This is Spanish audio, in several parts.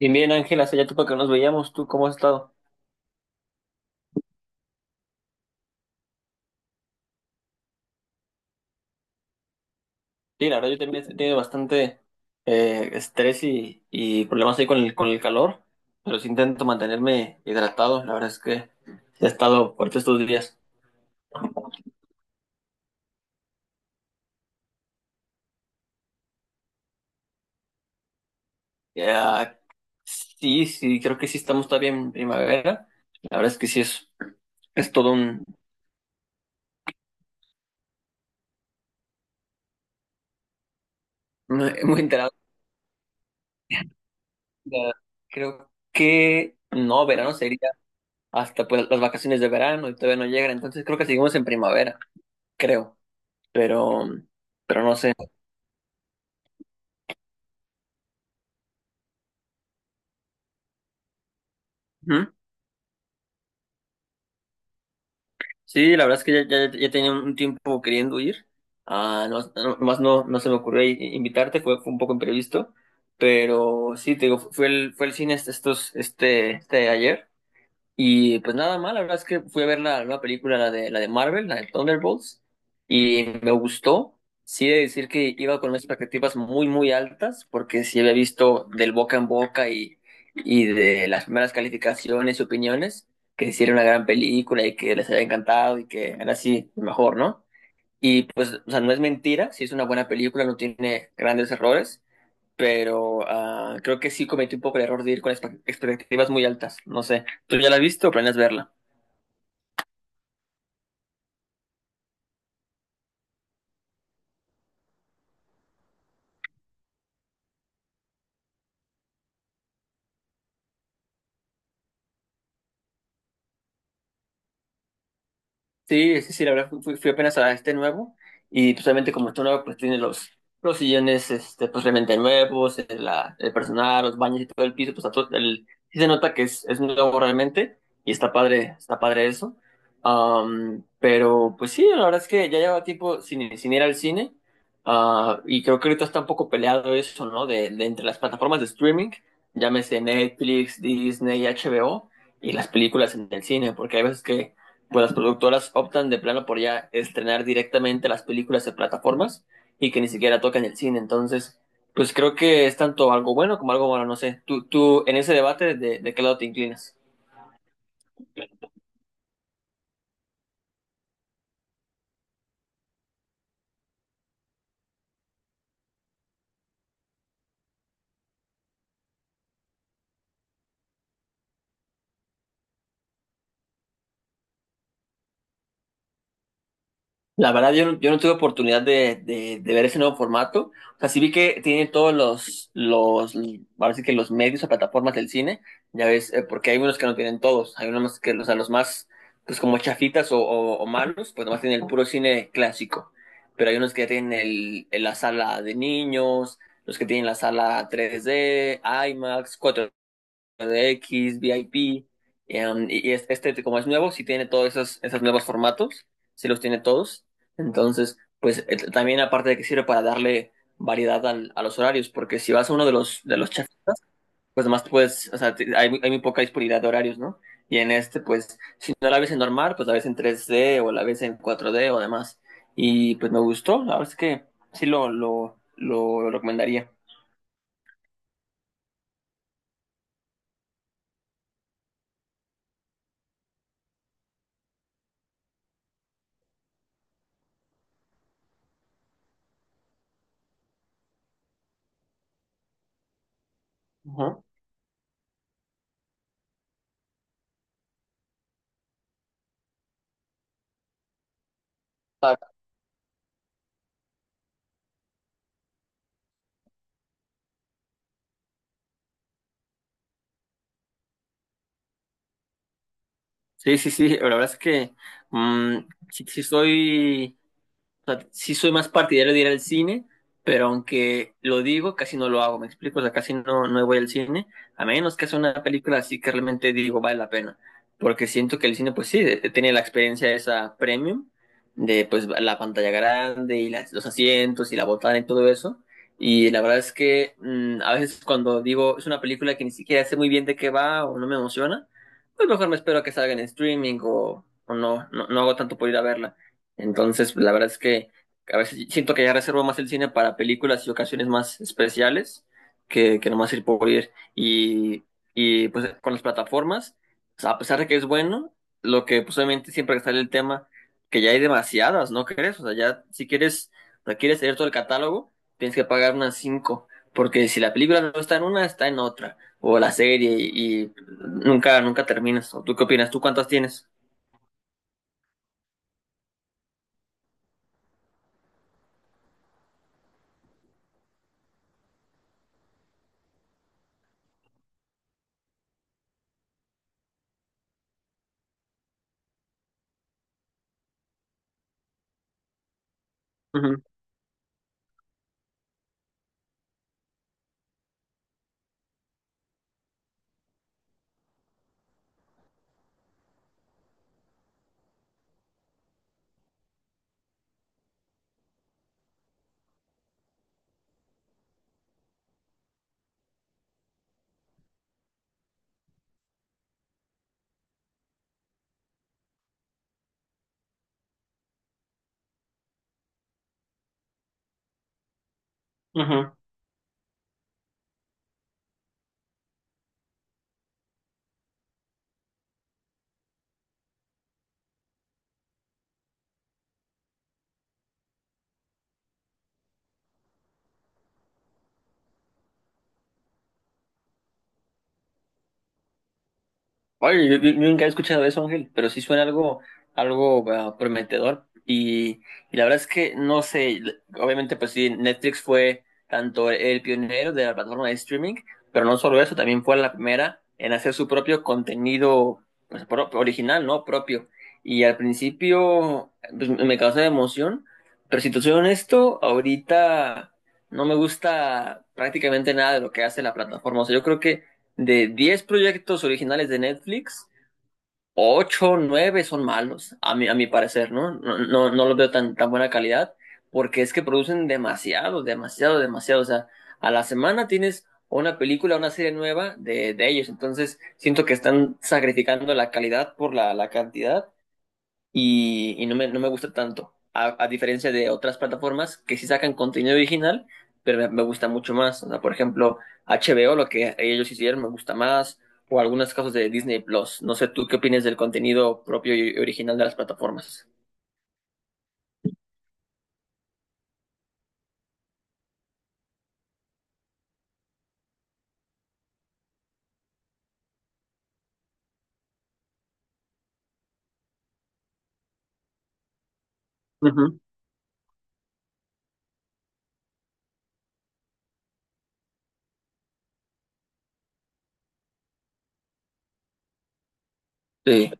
Y bien, Ángela, hace ya tiempo que nos veíamos, ¿tú cómo has estado? Sí, la verdad yo también he tenido bastante estrés y problemas ahí con con el calor, pero sí intento mantenerme hidratado, la verdad es que sí he estado fuerte estos días. Ya, sí, creo que sí estamos todavía en primavera, la verdad es que es todo un... muy enterado. Ya, creo que no, verano sería hasta pues las vacaciones de verano y todavía no llegan, entonces creo que seguimos en primavera, creo. pero, pero no sé. Ujú. Sí, la verdad es que ya tenía un tiempo queriendo ir. Ah, no, no- más no, no se me ocurrió invitarte, fue un poco imprevisto, pero sí, te digo, fue el cine este ayer. Y pues nada mal, la verdad es que fui a ver la nueva película, la de Marvel, la de Thunderbolts, y me gustó. Sí, he de decir que iba con unas expectativas muy altas, porque sí había visto del boca en boca y de las primeras calificaciones y opiniones, que hicieron una gran película y que les había encantado y que era así mejor, ¿no? Y pues, o sea, no es mentira, sí es una buena película, no tiene grandes errores, pero creo que sí cometí un poco el error de ir con expectativas muy altas. No sé, ¿tú ya la has visto o planeas verla? Sí, la verdad fui apenas a este nuevo, y pues obviamente como está nuevo pues tiene los sillones este, pues realmente nuevos, el personal, los baños y todo el piso, pues a todo, el, sí se nota que es nuevo realmente y está padre eso. Pero pues sí, la verdad es que ya lleva tiempo sin ir al cine, ah, y creo que ahorita está un poco peleado eso, ¿no? De entre las plataformas de streaming, llámese Netflix, Disney, HBO y las películas en el cine, porque hay veces que pues las productoras optan de plano por ya estrenar directamente las películas en plataformas y que ni siquiera tocan el cine. Entonces, pues creo que es tanto algo bueno como algo malo, no sé. Tú en ese debate, de qué lado te inclinas? La verdad, yo no tuve oportunidad de ver ese nuevo formato. O sea, sí vi que tienen todos ahora sí que los medios o plataformas del cine, ya ves, porque hay unos que no tienen todos. Hay unos más que, o sea, los más, pues como chafitas o malos, pues nomás tienen el puro cine clásico. Pero hay unos que ya tienen la sala de niños, los que tienen la sala 3D, IMAX, de DX, VIP, y este como es nuevo, sí tiene todos esos nuevos formatos, sí los tiene todos. Entonces, pues también aparte de que sirve para darle variedad a los horarios, porque si vas a uno de de los chafas, pues nomás te puedes, o sea, hay muy poca disponibilidad de horarios, ¿no? Y en este, pues, si no la ves en normal, pues la ves en 3D o la ves en 4D o demás. Y pues me gustó, la verdad es que sí lo recomendaría. Ujú. Sí, la verdad es que mm, sí soy... O sea, sí soy más partidario de ir al cine, pero aunque lo digo, casi no lo hago, ¿me explico? O sea, casi no, no voy al cine, a menos que sea una película así que realmente digo vale la pena. Porque siento que el cine, pues sí, tiene la experiencia esa premium de pues la pantalla grande y los asientos y la botana y todo eso. Y la verdad es que a veces cuando digo es una película que ni siquiera sé muy bien de qué va o no me emociona, pues mejor me espero a que salga en streaming o no, no, no hago tanto por ir a verla. Entonces, la verdad es que a veces siento que ya reservo más el cine para películas y ocasiones más especiales que nomás ir por ir. Y pues con las plataformas, o sea, a pesar de que es bueno, lo que pues obviamente siempre está el tema que ya hay demasiadas, ¿no crees? O sea, ya si quieres, o sea, quieres tener todo el catálogo, tienes que pagar unas cinco. Porque si la película no está en una, está en otra. O la serie y nunca terminas. ¿O tú qué opinas? ¿Tú cuántas tienes? Ujú, ujú. Oye, yo nunca he escuchado eso, Ángel, pero sí suena algo prometedor. Y la verdad es que no sé, obviamente, pues sí, Netflix fue tanto el pionero de la plataforma de streaming, pero no solo eso, también fue la primera en hacer su propio contenido pues, original, ¿no? Propio. Y al principio pues, me causó emoción, pero si te soy honesto, ahorita no me gusta prácticamente nada de lo que hace la plataforma. O sea, yo creo que de 10 proyectos originales de Netflix, 8, 9 son malos, a mi parecer, ¿no? No los veo tan, tan buena calidad, porque es que producen demasiado, demasiado, demasiado. O sea, a la semana tienes una película, una serie nueva de ellos. Entonces, siento que están sacrificando la calidad por la cantidad y no me gusta tanto, a diferencia de otras plataformas que sí sacan contenido original, pero me gusta mucho más. O sea, por ejemplo, HBO, lo que ellos hicieron, me gusta más, o algunos casos de Disney Plus. No sé, ¿tú qué opinas del contenido propio y original de las plataformas? Ujú. Sí.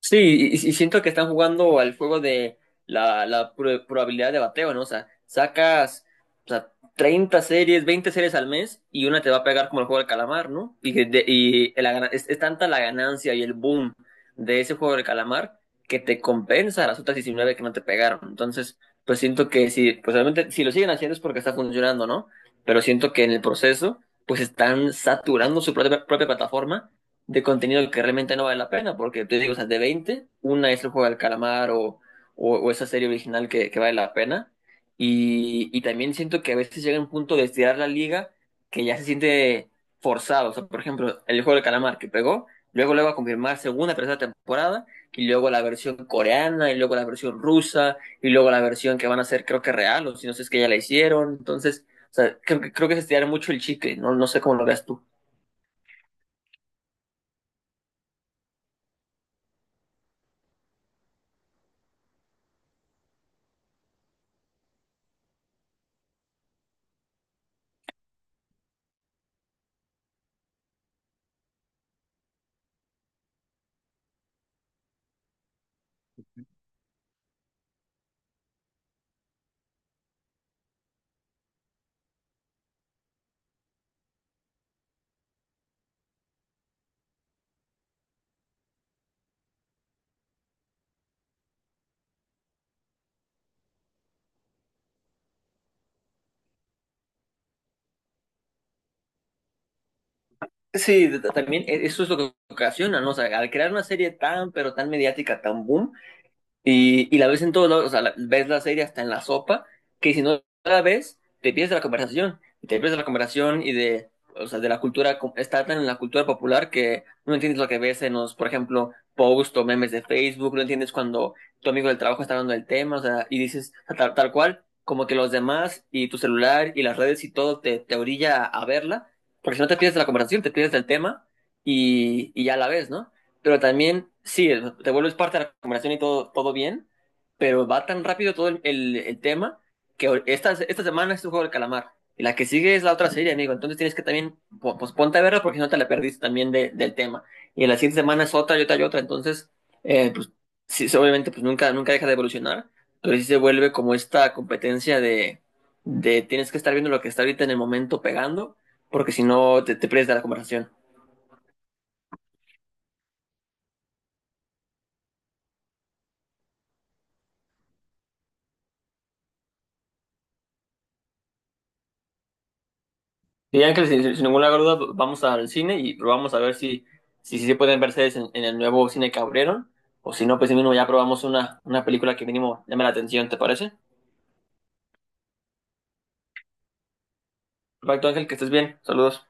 Sí, y siento que están jugando al juego de la probabilidad de bateo, ¿no? O sea, sacas, o sea, 30 series, 20 series al mes y una te va a pegar como el juego del calamar, ¿no? Y, que de- y la gana- Es tanta la ganancia y el boom de ese juego del calamar que te compensa las otras 19 que no te pegaron. Entonces, pues siento que si, pues realmente si lo siguen haciendo es porque está funcionando, ¿no? Pero siento que en el proceso, pues están saturando su propia plataforma de contenido que realmente no vale la pena, porque te digo, o sea, de 20 una es el juego del calamar o esa serie original que vale la pena. Y también siento que a veces llega un punto de estirar la liga que ya se siente forzado. O sea, por ejemplo, el juego del calamar que pegó, luego luego a confirmar segunda, tercera temporada, y luego la versión coreana, y luego la versión rusa, y luego la versión que van a hacer, creo que real, o si no sé, es que ya la hicieron. Entonces, o sea, creo que es estirar mucho el chicle, no, no sé cómo lo veas tú. Sí, también eso es lo que ocasiona, ¿no? O sea, al crear una serie tan, pero tan mediática, tan boom, y la ves en todos lados, o sea, ves la serie hasta en la sopa, que si no la ves, te pierdes de la conversación, y te pierdes de la conversación o sea, de la cultura, está tan en la cultura popular que no entiendes lo que ves en los, por ejemplo, posts o memes de Facebook, no entiendes cuando tu amigo del trabajo está hablando del tema, o sea, y dices tal, tal cual, como que los demás y tu celular y las redes y todo te orilla a verla, porque si no te pierdes de la conversación, te pierdes del tema y ya la ves, ¿no? Pero también, sí, te vuelves parte de la conversación y todo, todo bien, pero va tan rápido todo el tema que esta semana es un juego del calamar. Y la que sigue es la otra serie, amigo. Entonces tienes que también, pues ponte a verla porque si no te la perdiste también del tema. Y en la siguiente semana es otra y otra y otra. Entonces, pues sí, sí, obviamente, pues nunca deja de evolucionar, pero sí se vuelve como esta competencia de tienes que estar viendo lo que está ahorita en el momento pegando, porque si no te pierdes de la conversación. Sí, Ángel, sin ninguna duda vamos al cine y probamos a ver si, si se pueden verse en el nuevo cine que abrieron, o si no, pues si mismo ya probamos una película que mínimo llame la atención, ¿te parece? Perfecto, Ángel, que estés bien. Saludos.